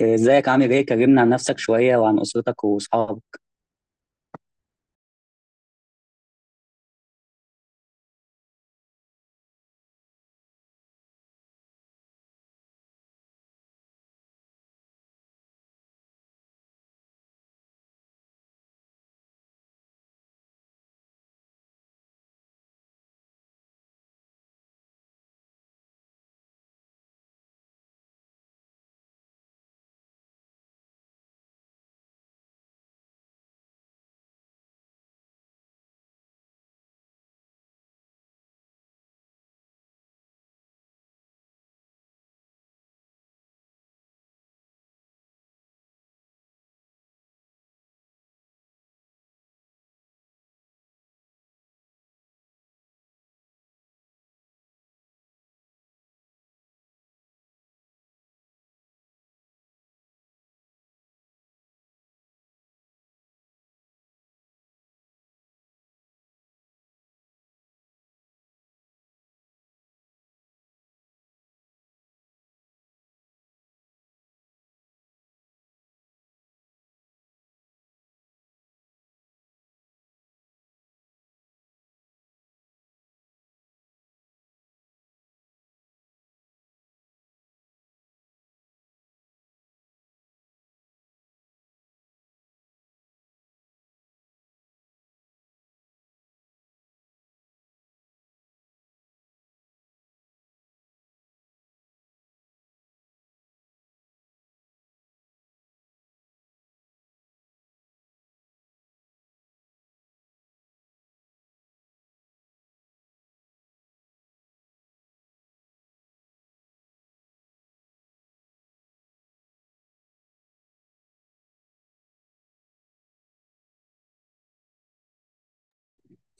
إيه، ازيك؟ عامل ايه؟ كلمنا عن نفسك شوية وعن أسرتك وأصحابك.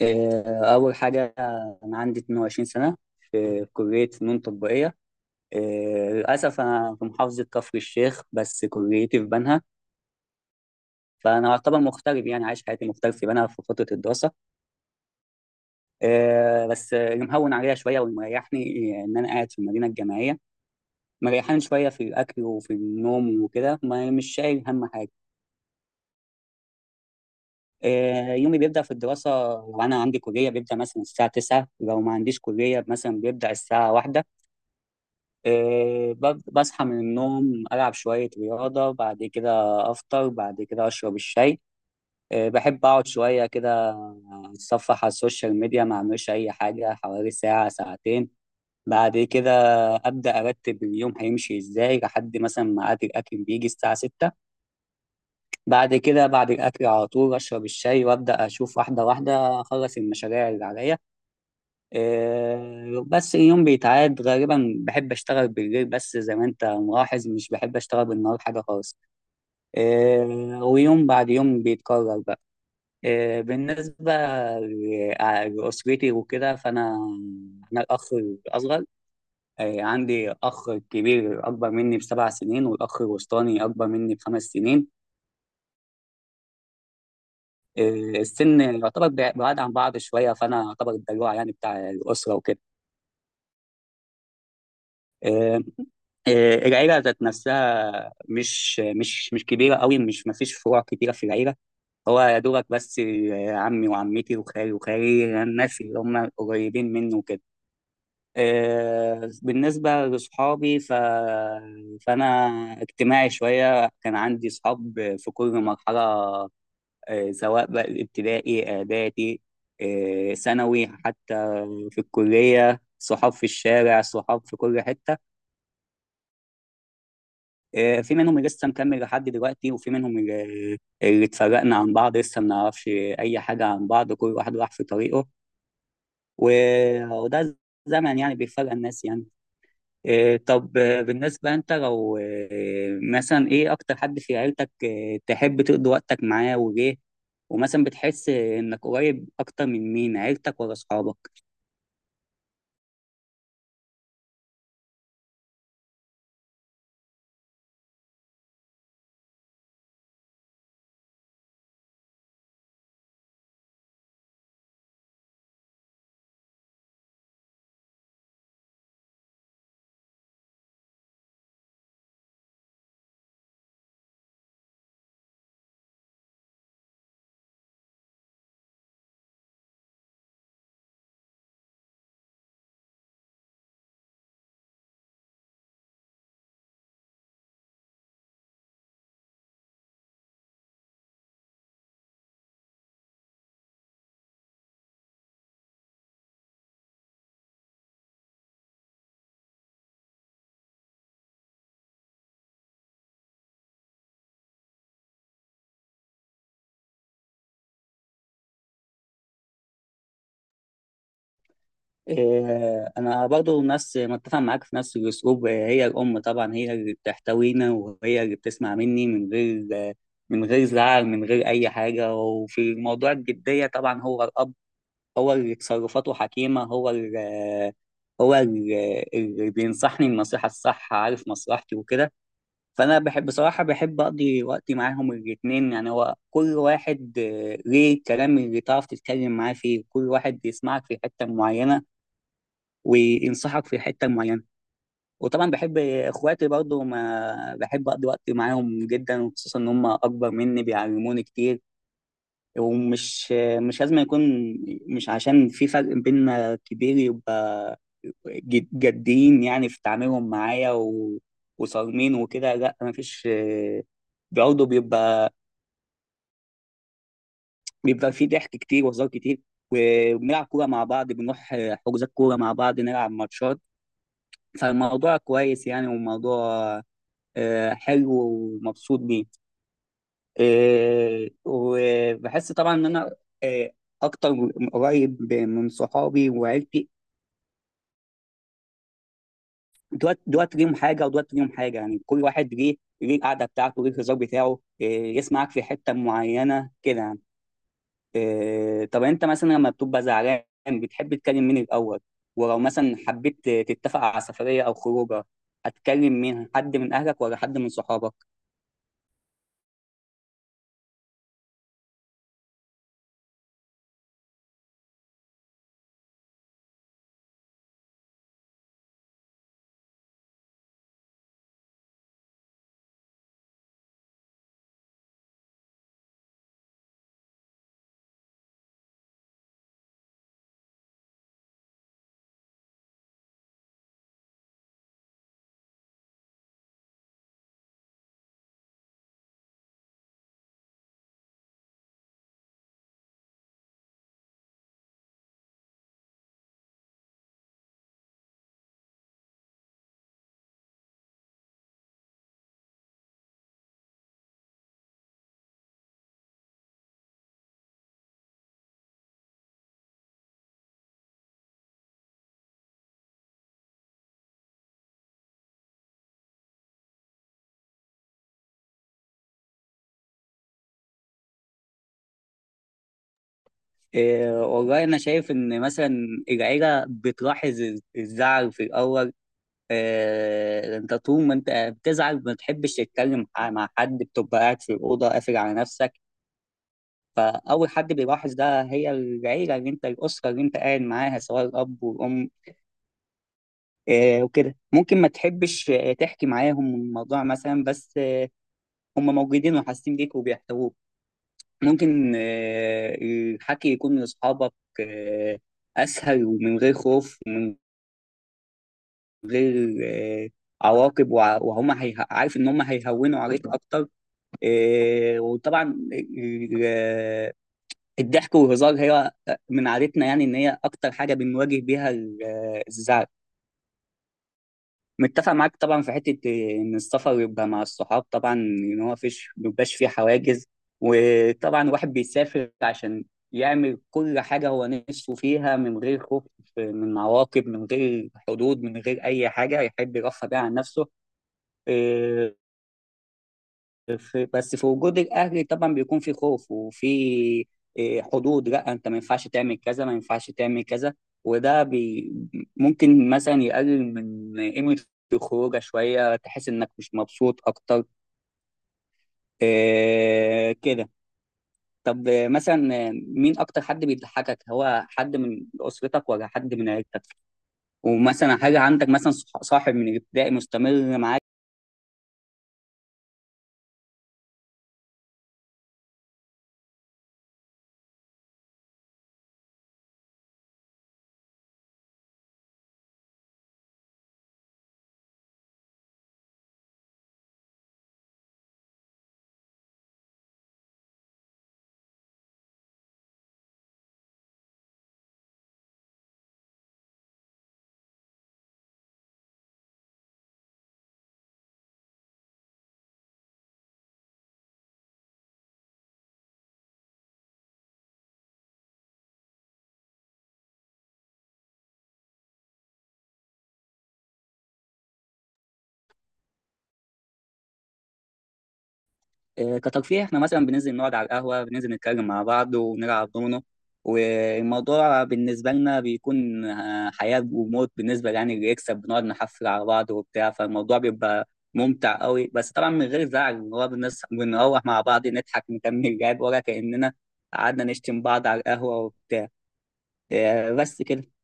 إيه، أول حاجة، أنا عندي 22 سنة في كلية فنون تطبيقية. إيه، للأسف أنا في محافظة كفر الشيخ بس كليتي في بنها، فأنا أعتبر مغترب، يعني عايش حياتي مغترب في بنها في فترة الدراسة. إيه، بس اللي مهون عليها شوية والمريحني إيه، إن أنا قاعد في المدينة الجامعية، مريحان شوية في الأكل وفي النوم وكده، مش شايل هم حاجة. يومي بيبدأ في الدراسة، لو أنا عندي كلية بيبدأ مثلا الساعة 9، لو ما عنديش كلية مثلا بيبدأ الساعة واحدة. بصحى من النوم، ألعب شوية رياضة، بعد كده أفطر، بعد كده أشرب الشاي. بحب أقعد شوية كده أتصفح على السوشيال ميديا، ما أعملش أي حاجة حوالي ساعة ساعتين. بعد كده أبدأ أرتب اليوم هيمشي إزاي، لحد مثلا ما أكل، الأكل بيجي الساعة 6. بعد كده بعد الأكل على طول أشرب الشاي وأبدأ أشوف واحدة واحدة أخلص المشاريع اللي عليا. إيه، بس اليوم بيتعاد غالبا، بحب أشتغل بالليل، بس زي ما أنت ملاحظ مش بحب أشتغل بالنهار حاجة خالص. إيه، ويوم بعد يوم بيتكرر بقى. إيه، بالنسبة ل- لأسرتي وكده، فأنا أنا الأخ الأصغر. إيه، عندي أخ كبير أكبر مني بسبع سنين، والأخ الوسطاني أكبر مني بخمس سنين. إيه، السن يعتبر بعاد عن بعض شويه، فانا يعتبر الدلوع يعني بتاع الاسره وكده. إيه، إيه، العيله ذات نفسها مش كبيره قوي، مش ما فيش فروع كتيره في العيله. هو يا دوبك بس عمي وعمتي وخالي وخالي، الناس اللي هم قريبين منه وكده. بالنسبة لصحابي فأنا اجتماعي شوية، كان عندي صحاب في كل مرحلة، سواء بقى ابتدائي، اعدادي، ثانوي حتى، في الكليه صحاب، في الشارع صحاب، في كل حته. في منهم اللي لسه مكمل لحد دلوقتي، وفي منهم اللي اتفرقنا عن بعض، لسه ما نعرفش اي حاجه عن بعض، كل واحد راح في طريقه. وده زمن يعني بيفرق الناس يعني. إيه، طب بالنسبة أنت لو مثلا إيه أكتر حد في عيلتك تحب تقضي وقتك معاه وليه؟ ومثلا بتحس إنك قريب أكتر من مين، عيلتك ولا أصحابك؟ إيه، أنا برضو نفس، متفق معاك في نفس الأسلوب، هي الأم طبعا، هي اللي بتحتوينا وهي اللي بتسمع مني من غير من غير زعل، من غير أي حاجة. وفي موضوع الجدية طبعا هو الأب، هو اللي تصرفاته حكيمة، هو اللي بينصحني النصيحة الصح، عارف مصلحتي وكده. فأنا بحب، بصراحة بحب أقضي وقتي معاهم الاتنين، يعني هو كل واحد ليه الكلام اللي تعرف تتكلم معاه فيه، كل واحد بيسمعك في حتة معينة وينصحك في حتة معينة. وطبعا بحب اخواتي برضو، ما بحب اقضي وقت معاهم جدا، وخصوصا ان هم اكبر مني بيعلموني كتير. ومش، مش لازم يكون، مش عشان في فرق بيننا كبير يبقى جادين يعني في تعاملهم معايا، و... وصارمين وكده. لا، مفيش برضه بيبقى في ضحك كتير وهزار كتير. وبنلعب كورة مع بعض، بنروح حجوزات كورة مع بعض، نلعب ماتشات. فالموضوع كويس يعني، وموضوع حلو ومبسوط بيه. إيه، وبحس طبعا ان انا، إيه، اكتر قريب من صحابي وعيلتي، دوت دوت ليهم حاجه ودوت ليهم حاجه، يعني كل واحد ليه، ليه القعده بتاعته، ليه الهزار بتاعه، إيه، يسمعك في حته معينه كده يعني. إيه، طب انت مثلا لما بتبقى زعلان بتحب تكلم مين الاول؟ ولو مثلا حبيت تتفق على سفريه او خروجه، هتكلم مين، حد من اهلك ولا حد من صحابك؟ إيه، والله انا شايف ان مثلا العيله بتلاحظ الزعل في الاول. انت طول ما انت بتزعل ما بتحبش تتكلم مع حد، بتبقى قاعد في الاوضه قافل على نفسك. فاول حد بيلاحظ ده هي العيله، اللي انت، الاسره اللي انت قاعد معاها، سواء الاب والام. وكده ممكن ما تحبش تحكي معاهم الموضوع مثلا، بس هم موجودين وحاسين بيك وبيحتووك. ممكن الحكي يكون لاصحابك آه، اسهل، ومن غير خوف ومن غير عواقب، وهم عارف ان هم هيهونوا عليك اكتر. إيه، وطبعا ال- الضحك والهزار هي من عادتنا، يعني ان هي اكتر حاجه بنواجه بيها الزعل. متفق معاك طبعا في حته، إيه، ان السفر يبقى مع الصحاب طبعا، ان هو فيش مبيبقاش فيه حواجز. وطبعا الواحد بيسافر عشان يعمل كل حاجه هو نفسه فيها، من غير خوف من عواقب، من غير حدود، من غير اي حاجه، يحب يرفه بيها عن نفسه. آه، في، بس في وجود الاهل طبعا بيكون في خوف وفي، إيه، حدود. لا انت ما ينفعش تعمل كذا، ما ينفعش تعمل كذا. وده بي ممكن مثلا يقلل من قيمة الخروجه شوية، تحس انك مش مبسوط اكتر. إيه كده. طب مثلا مين اكتر حد بيضحكك، هو حد من اسرتك ولا حد من عيلتك؟ ومثلا، حاجة عندك مثلا صاحب من الابتدائي مستمر معاك؟ كترفيه، احنا مثلا بننزل نقعد على القهوة، بننزل نتكلم مع بعض ونلعب دومينو. والموضوع بالنسبة لنا بيكون حياة وموت بالنسبة، يعني اللي يكسب بنقعد نحفل على بعض وبتاع، فالموضوع بيبقى ممتع قوي. بس طبعا من غير زعل، اللي هو بنروح مع بعض نضحك نكمل لعب، ولا كأننا قعدنا نشتم بعض على القهوة وبتاع. بس كده.